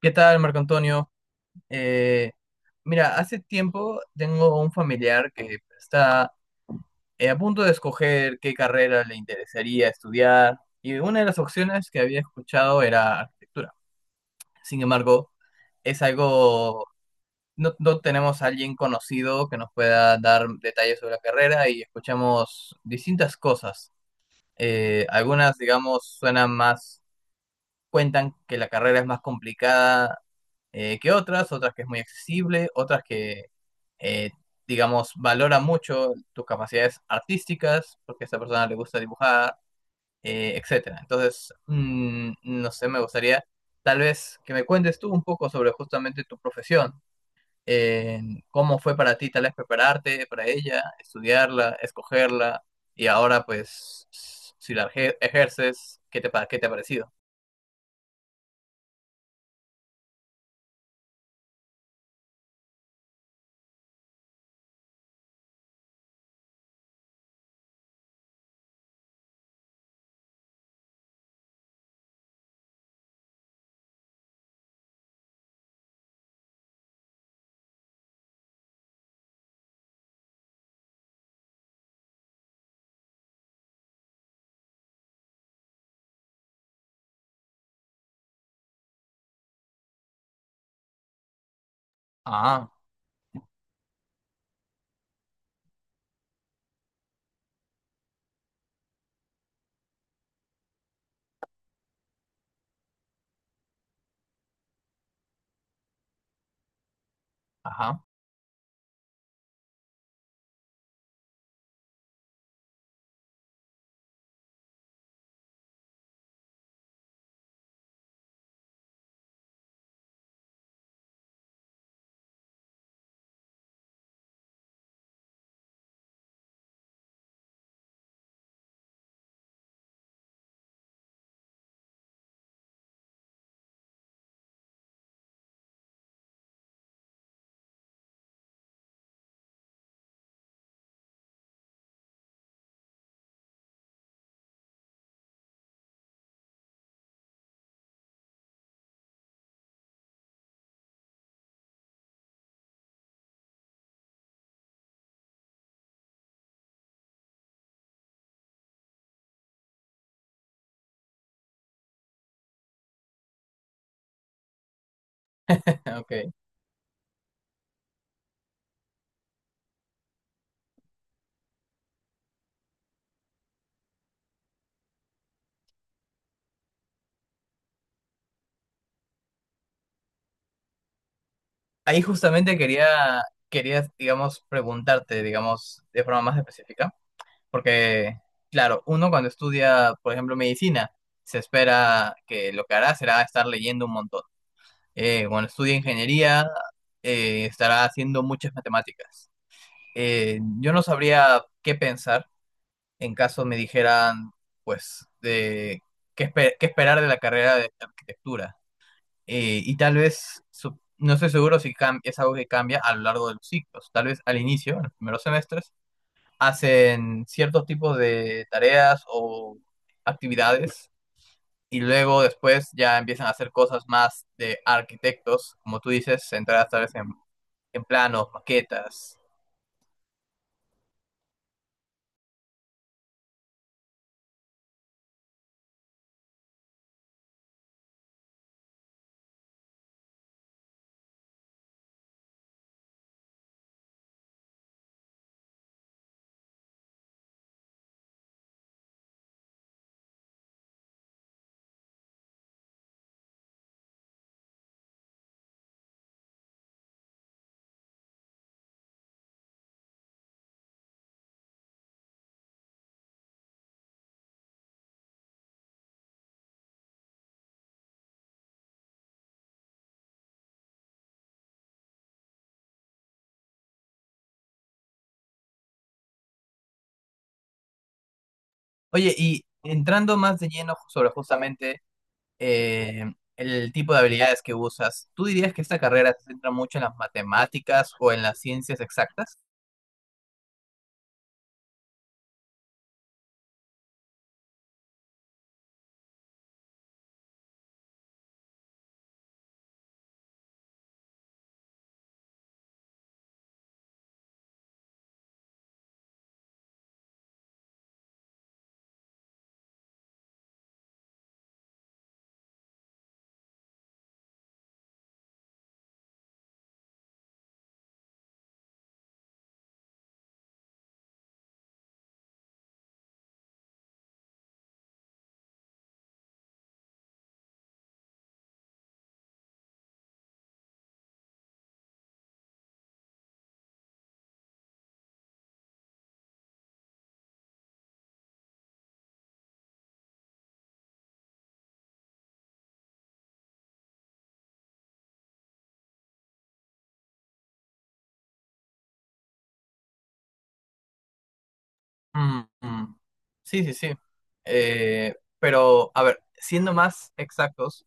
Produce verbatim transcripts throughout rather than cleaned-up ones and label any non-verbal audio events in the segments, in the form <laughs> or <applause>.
¿Qué tal, Marco Antonio? Eh, Mira, hace tiempo tengo un familiar que está eh, a punto de escoger qué carrera le interesaría estudiar y una de las opciones que había escuchado era arquitectura. Sin embargo, es algo, no, no tenemos a alguien conocido que nos pueda dar detalles sobre la carrera y escuchamos distintas cosas. Eh, algunas, digamos, suenan más, cuentan que la carrera es más complicada, eh, que otras, otras que es muy accesible, otras que, eh, digamos, valora mucho tus capacidades artísticas, porque a esa persona le gusta dibujar, eh, etcétera. Entonces, mm, no sé, me gustaría tal vez que me cuentes tú un poco sobre justamente tu profesión. eh, ¿Cómo fue para ti tal vez prepararte para ella, estudiarla, escogerla, y ahora pues si la ejer- ejerces, ¿qué te, pa- qué te ha parecido? Ah, ajá. Ok. Ahí justamente quería, quería, digamos, preguntarte, digamos, de forma más específica, porque, claro, uno cuando estudia, por ejemplo, medicina, se espera que lo que hará será estar leyendo un montón. Eh, cuando estudia ingeniería, eh, estará haciendo muchas matemáticas. Eh, yo no sabría qué pensar en caso me dijeran, pues, de qué, espe- qué esperar de la carrera de arquitectura. Eh, y tal vez, su- no estoy seguro si cam- es algo que cambia a lo largo de los ciclos. Tal vez al inicio, en los primeros semestres, hacen ciertos tipos de tareas o actividades y luego después ya empiezan a hacer cosas más de arquitectos, como tú dices, centradas tal vez en, en planos, maquetas. Oye, y entrando más de lleno sobre justamente eh, el tipo de habilidades que usas, ¿tú dirías que esta carrera se centra mucho en las matemáticas o en las ciencias exactas? Mm, mm. Sí, sí, sí. Eh, pero, a ver, siendo más exactos,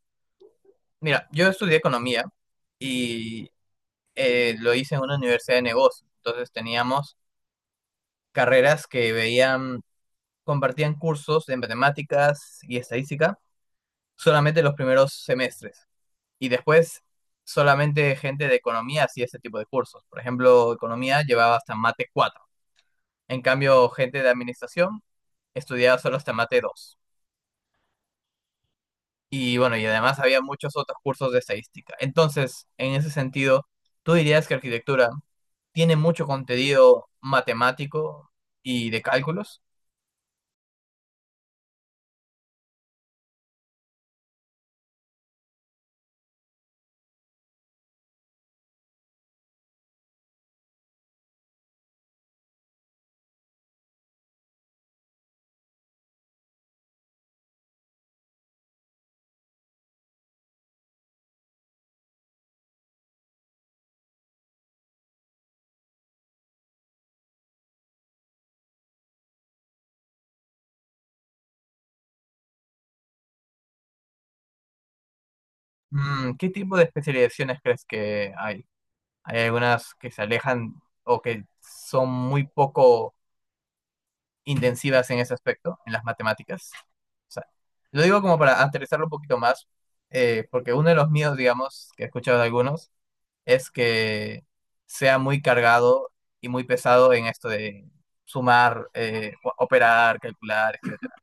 mira, yo estudié economía y eh, lo hice en una universidad de negocios. Entonces teníamos carreras que veían, compartían cursos de matemáticas y estadística solamente los primeros semestres. Y después solamente gente de economía hacía ese tipo de cursos. Por ejemplo, economía llevaba hasta mate cuatro. En cambio, gente de administración estudiaba solo hasta mate dos. Y bueno, y además había muchos otros cursos de estadística. Entonces, en ese sentido, ¿tú dirías que arquitectura tiene mucho contenido matemático y de cálculos? Mm, ¿qué tipo de especializaciones crees que hay? Hay algunas que se alejan o que son muy poco intensivas en ese aspecto, en las matemáticas. O sea, lo digo como para aterrizarlo un poquito más, eh, porque uno de los míos, digamos, que he escuchado de algunos, es que sea muy cargado y muy pesado en esto de sumar, eh, o- operar, calcular, etcétera.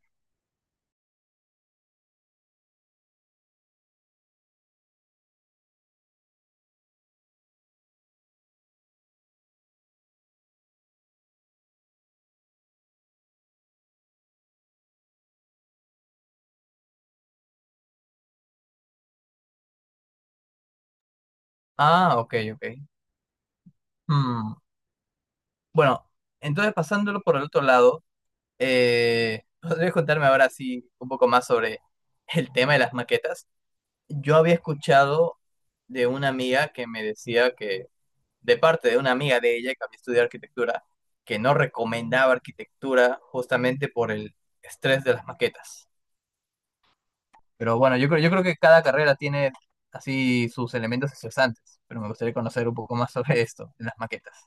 Ah, ok, ok. Hmm. Bueno, entonces pasándolo por el otro lado, eh, <laughs> ¿podrías contarme ahora sí un poco más sobre el tema de las maquetas? Yo había escuchado de una amiga que me decía que, de parte de una amiga de ella que había estudiado arquitectura, que no recomendaba arquitectura justamente por el estrés de las maquetas. Pero bueno, yo creo, yo creo que cada carrera tiene así sus elementos estresantes, pero me gustaría conocer un poco más sobre esto, en las maquetas.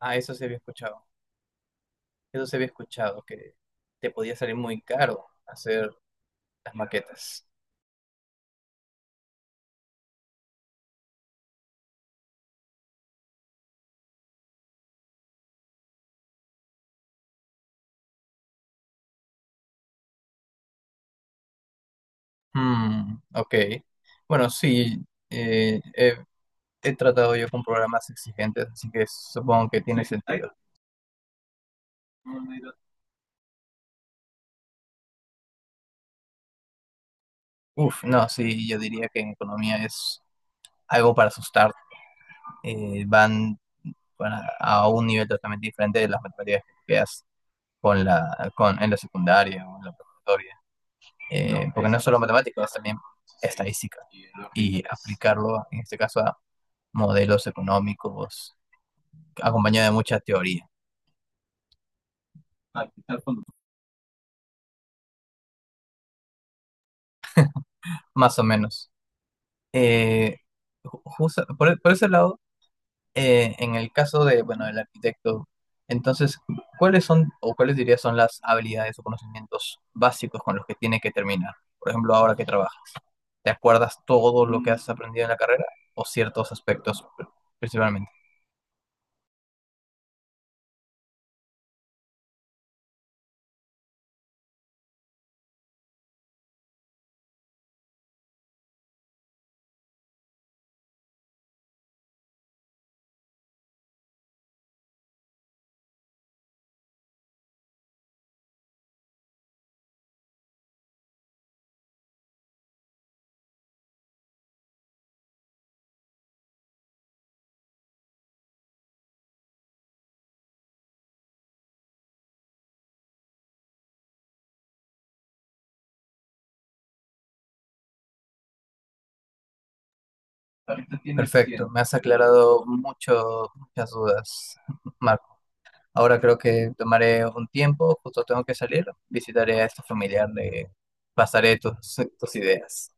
Ah, eso se había escuchado. Eso se había escuchado, que te podía salir muy caro hacer las maquetas. Hmm, ok. Bueno, sí, eh, he, he tratado yo con programas exigentes, así que supongo que tiene sentido. Uf, no, sí, yo diría que en economía es algo para asustar. Eh, van para- a un nivel totalmente diferente de las matemáticas que has con la, con, en la secundaria o en la preparatoria. Eh, porque no es solo matemáticas, es también estadística. Y aplicarlo, en este caso, a modelos económicos, acompañado de mucha teoría, más o menos. Eh, ju- justo- por, por ese lado, eh, en el caso de, bueno, del arquitecto, entonces, ¿cuáles son o cuáles dirías son las habilidades o conocimientos básicos con los que tiene que terminar? Por ejemplo, ahora que trabaja. ¿Te acuerdas todo lo que has aprendido en la carrera o ciertos aspectos pr- principalmente? Perfecto, me has aclarado mucho, muchas dudas, <laughs> Marco. Ahora creo que tomaré un tiempo, justo tengo que salir, visitaré a este familiar, le pasaré tus, tus ideas.